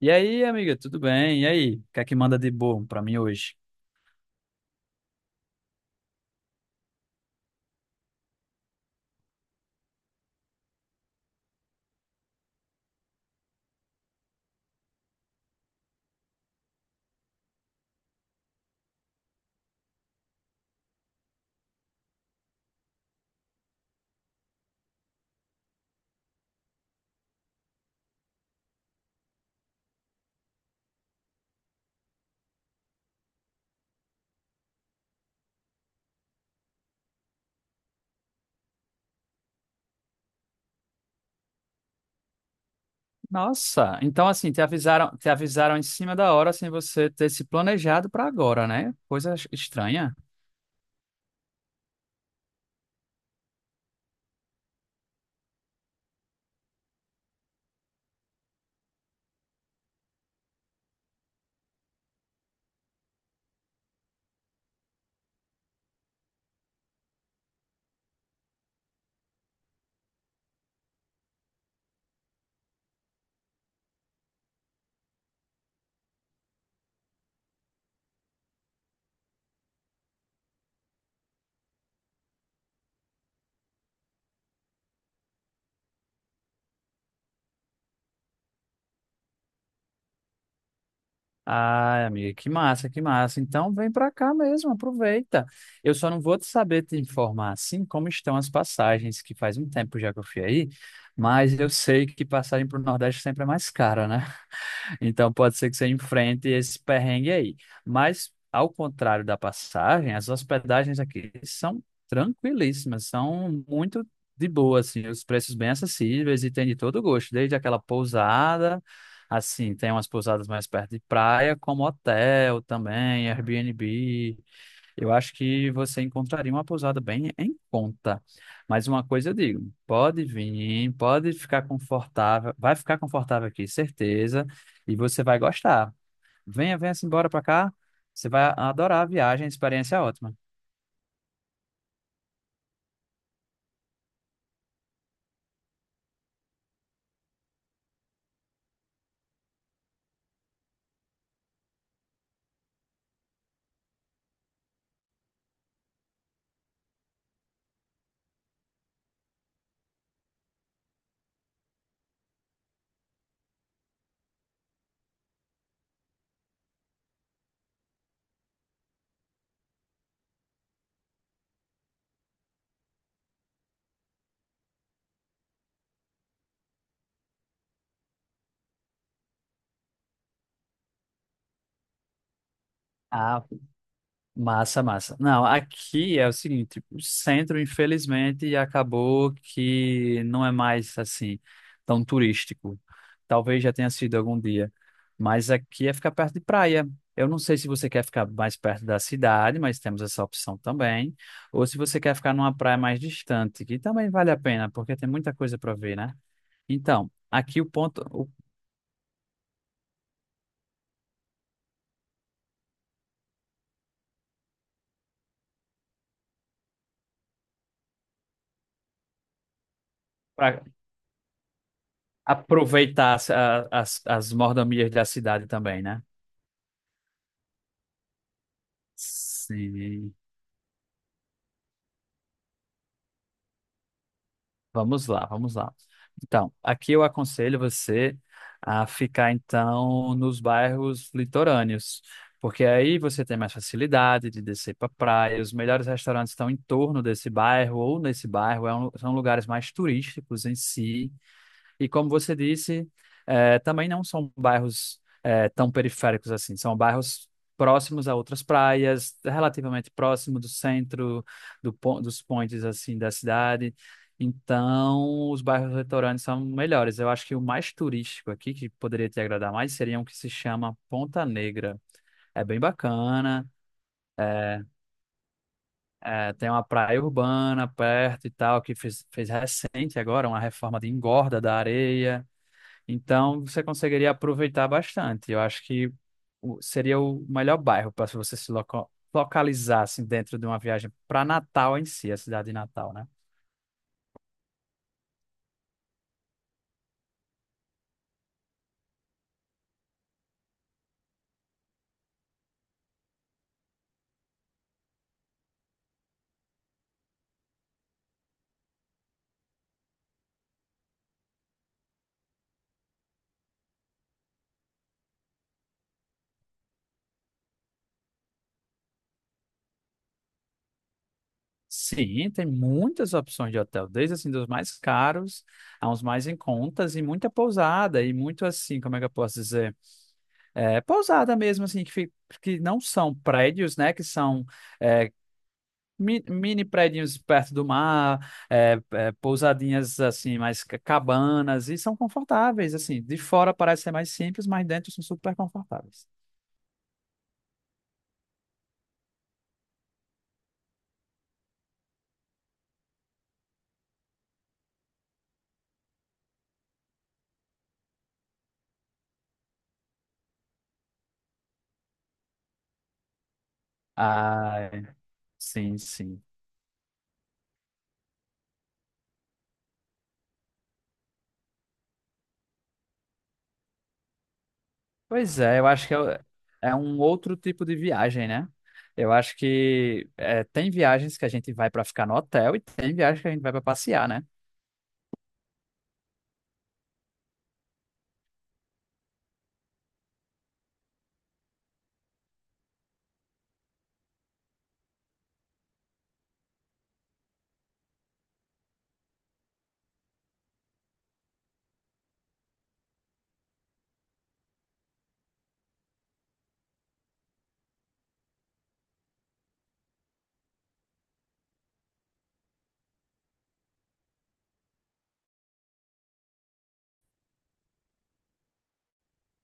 E aí, amiga, tudo bem? E aí, o que é que manda de bom pra mim hoje? Nossa, então assim, te avisaram em cima da hora sem você ter se planejado pra agora, né? Coisa estranha. Ai, amiga, que massa, que massa. Então vem pra cá mesmo, aproveita. Eu só não vou te saber te informar assim como estão as passagens, que faz um tempo já que eu fui aí, mas eu sei que passagem pro Nordeste sempre é mais cara, né? Então pode ser que você enfrente esse perrengue aí. Mas, ao contrário da passagem, as hospedagens aqui são tranquilíssimas, são muito de boa, assim, os preços bem acessíveis e tem de todo gosto, desde aquela pousada, assim, tem umas pousadas mais perto de praia, como hotel também, Airbnb. Eu acho que você encontraria uma pousada bem em conta. Mas uma coisa eu digo, pode vir, pode ficar confortável, vai ficar confortável aqui, certeza, e você vai gostar. Venha, venha-se embora para cá, você vai adorar a viagem, a experiência é ótima. Ah, massa, massa. Não, aqui é o seguinte, o centro, infelizmente, acabou que não é mais assim tão turístico. Talvez já tenha sido algum dia, mas aqui é ficar perto de praia. Eu não sei se você quer ficar mais perto da cidade, mas temos essa opção também, ou se você quer ficar numa praia mais distante, que também vale a pena, porque tem muita coisa para ver, né? Então, aqui o ponto, para aproveitar as, as mordomias da cidade também, né? Sim. Vamos lá, vamos lá. Então, aqui eu aconselho você a ficar então nos bairros litorâneos, porque aí você tem mais facilidade de descer para praia, os melhores restaurantes estão em torno desse bairro ou nesse bairro, são lugares mais turísticos em si. E como você disse, também não são bairros tão periféricos assim, são bairros próximos a outras praias, relativamente próximo do centro, do, dos pontes assim da cidade. Então, os bairros litorâneos são melhores. Eu acho que o mais turístico aqui, que poderia te agradar mais, seria um que se chama Ponta Negra. É bem bacana. É, é, tem uma praia urbana perto e tal, que fez recente agora uma reforma de engorda da areia. Então, você conseguiria aproveitar bastante. Eu acho que seria o melhor bairro para se você se localizar assim, dentro de uma viagem para Natal em si, a cidade de Natal, né? Sim, tem muitas opções de hotel, desde assim dos mais caros a uns mais em contas e muita pousada e muito assim, como é que eu posso dizer? É, pousada mesmo assim que, que não são prédios, né? Que são é, mini prédios perto do mar, pousadinhas assim, mais cabanas, e são confortáveis, assim. De fora parece ser mais simples, mas dentro são super confortáveis. Ah, sim, sim. Pois é, eu acho que é um outro tipo de viagem, né? Eu acho que é, tem viagens que a gente vai para ficar no hotel e tem viagens que a gente vai para passear, né?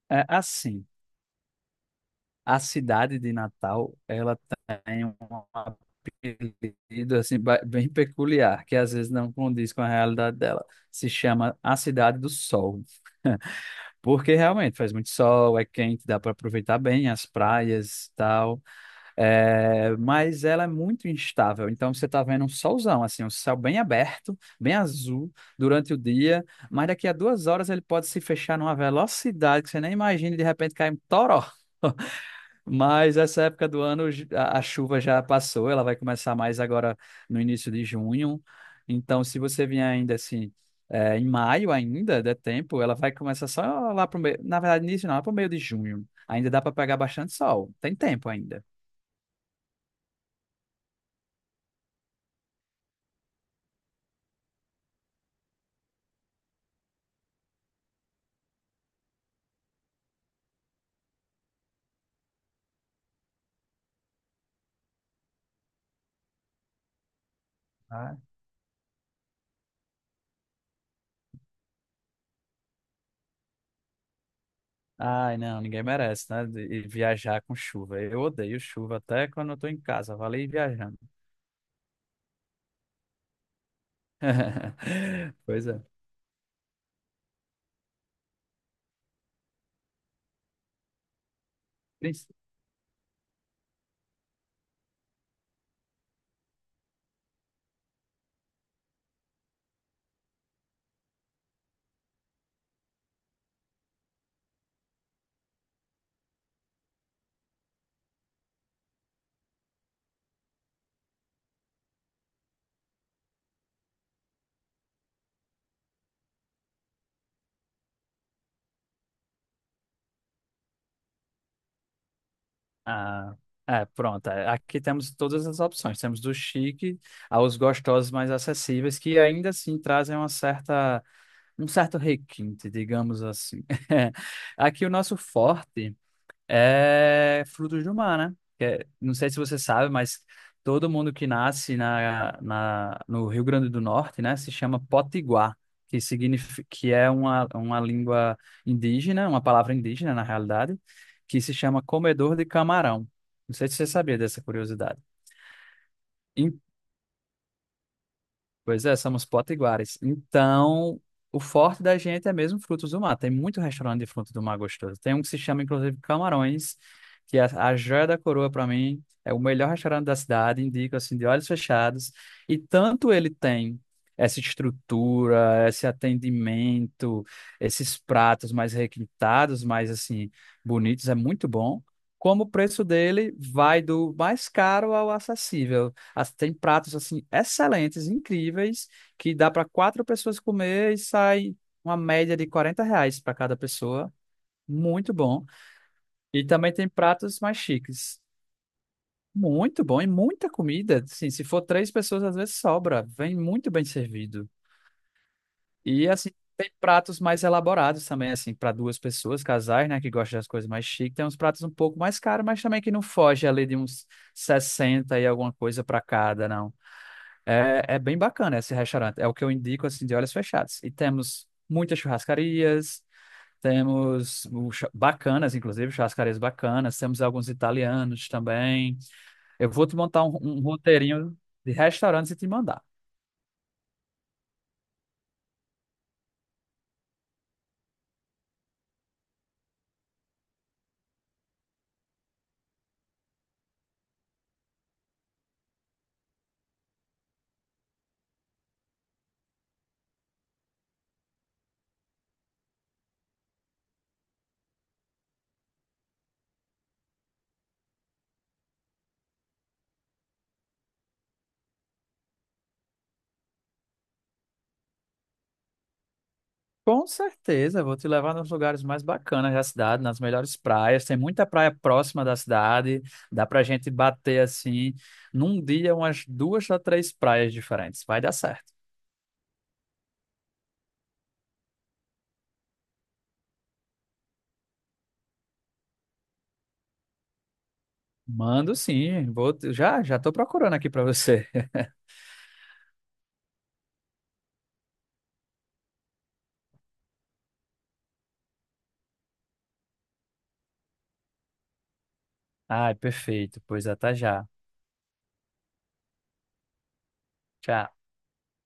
É assim. A cidade de Natal, ela tem um apelido assim bem peculiar, que às vezes não condiz com a realidade dela. Se chama a Cidade do Sol. Porque realmente faz muito sol, é quente, dá para aproveitar bem as praias e tal. É, mas ela é muito instável. Então você está vendo um solzão, assim, um céu bem aberto, bem azul durante o dia, mas daqui a 2 horas ele pode se fechar numa velocidade que você nem imagina, e de repente cai um toró. Mas essa época do ano a chuva já passou, ela vai começar mais agora no início de junho. Então, se você vier ainda assim, em maio ainda, der tempo, ela vai começar só lá pro meio. Na verdade, início não, lá pro meio de junho. Ainda dá para pegar bastante sol. Tem tempo ainda. Ah, ai, não, ninguém merece, né? De viajar com chuva. Eu odeio chuva até quando eu tô em casa. Valeu viajando. Pois é. Ah, é, pronto. É, aqui temos todas as opções. Temos do chique aos gostosos mais acessíveis, que ainda assim trazem uma certa, um certo requinte, digamos assim. Aqui o nosso forte é frutos do mar, né? Não sei se você sabe, mas todo mundo que nasce no Rio Grande do Norte, né, se chama potiguar, que significa, que é uma língua indígena, uma palavra indígena, na realidade, que se chama comedor de camarão. Não sei se você sabia dessa curiosidade. Pois é, somos potiguares. Então, o forte da gente é mesmo frutos do mar. Tem muito restaurante de frutos do mar gostoso. Tem um que se chama, inclusive, Camarões, que é a joia da coroa para mim. É o melhor restaurante da cidade, indico assim, de olhos fechados. E tanto ele tem essa estrutura, esse atendimento, esses pratos mais requintados, mais assim, bonitos, é muito bom. Como o preço dele vai do mais caro ao acessível. Tem pratos assim excelentes, incríveis, que dá para quatro pessoas comer e sai uma média de R$ 40 para cada pessoa. Muito bom. E também tem pratos mais chiques. Muito bom e muita comida. Assim, se for três pessoas, às vezes sobra. Vem muito bem servido. E assim, tem pratos mais elaborados também, assim, para duas pessoas, casais, né, que gostam das coisas mais chiques. Tem uns pratos um pouco mais caros, mas também que não foge ali de uns 60 e alguma coisa para cada, não. É, é bem bacana esse restaurante. É o que eu indico assim de olhos fechados. E temos muitas churrascarias, bacanas, inclusive, churrascarias bacanas, temos alguns italianos também. Eu vou te montar um roteirinho de restaurantes e te mandar. Com certeza, vou te levar nos lugares mais bacanas da cidade, nas melhores praias. Tem muita praia próxima da cidade. Dá pra gente bater assim, num dia, umas duas a três praias diferentes. Vai dar certo. Mando sim, vou já já tô procurando aqui para você. Ai, perfeito, pois até já. Tchau.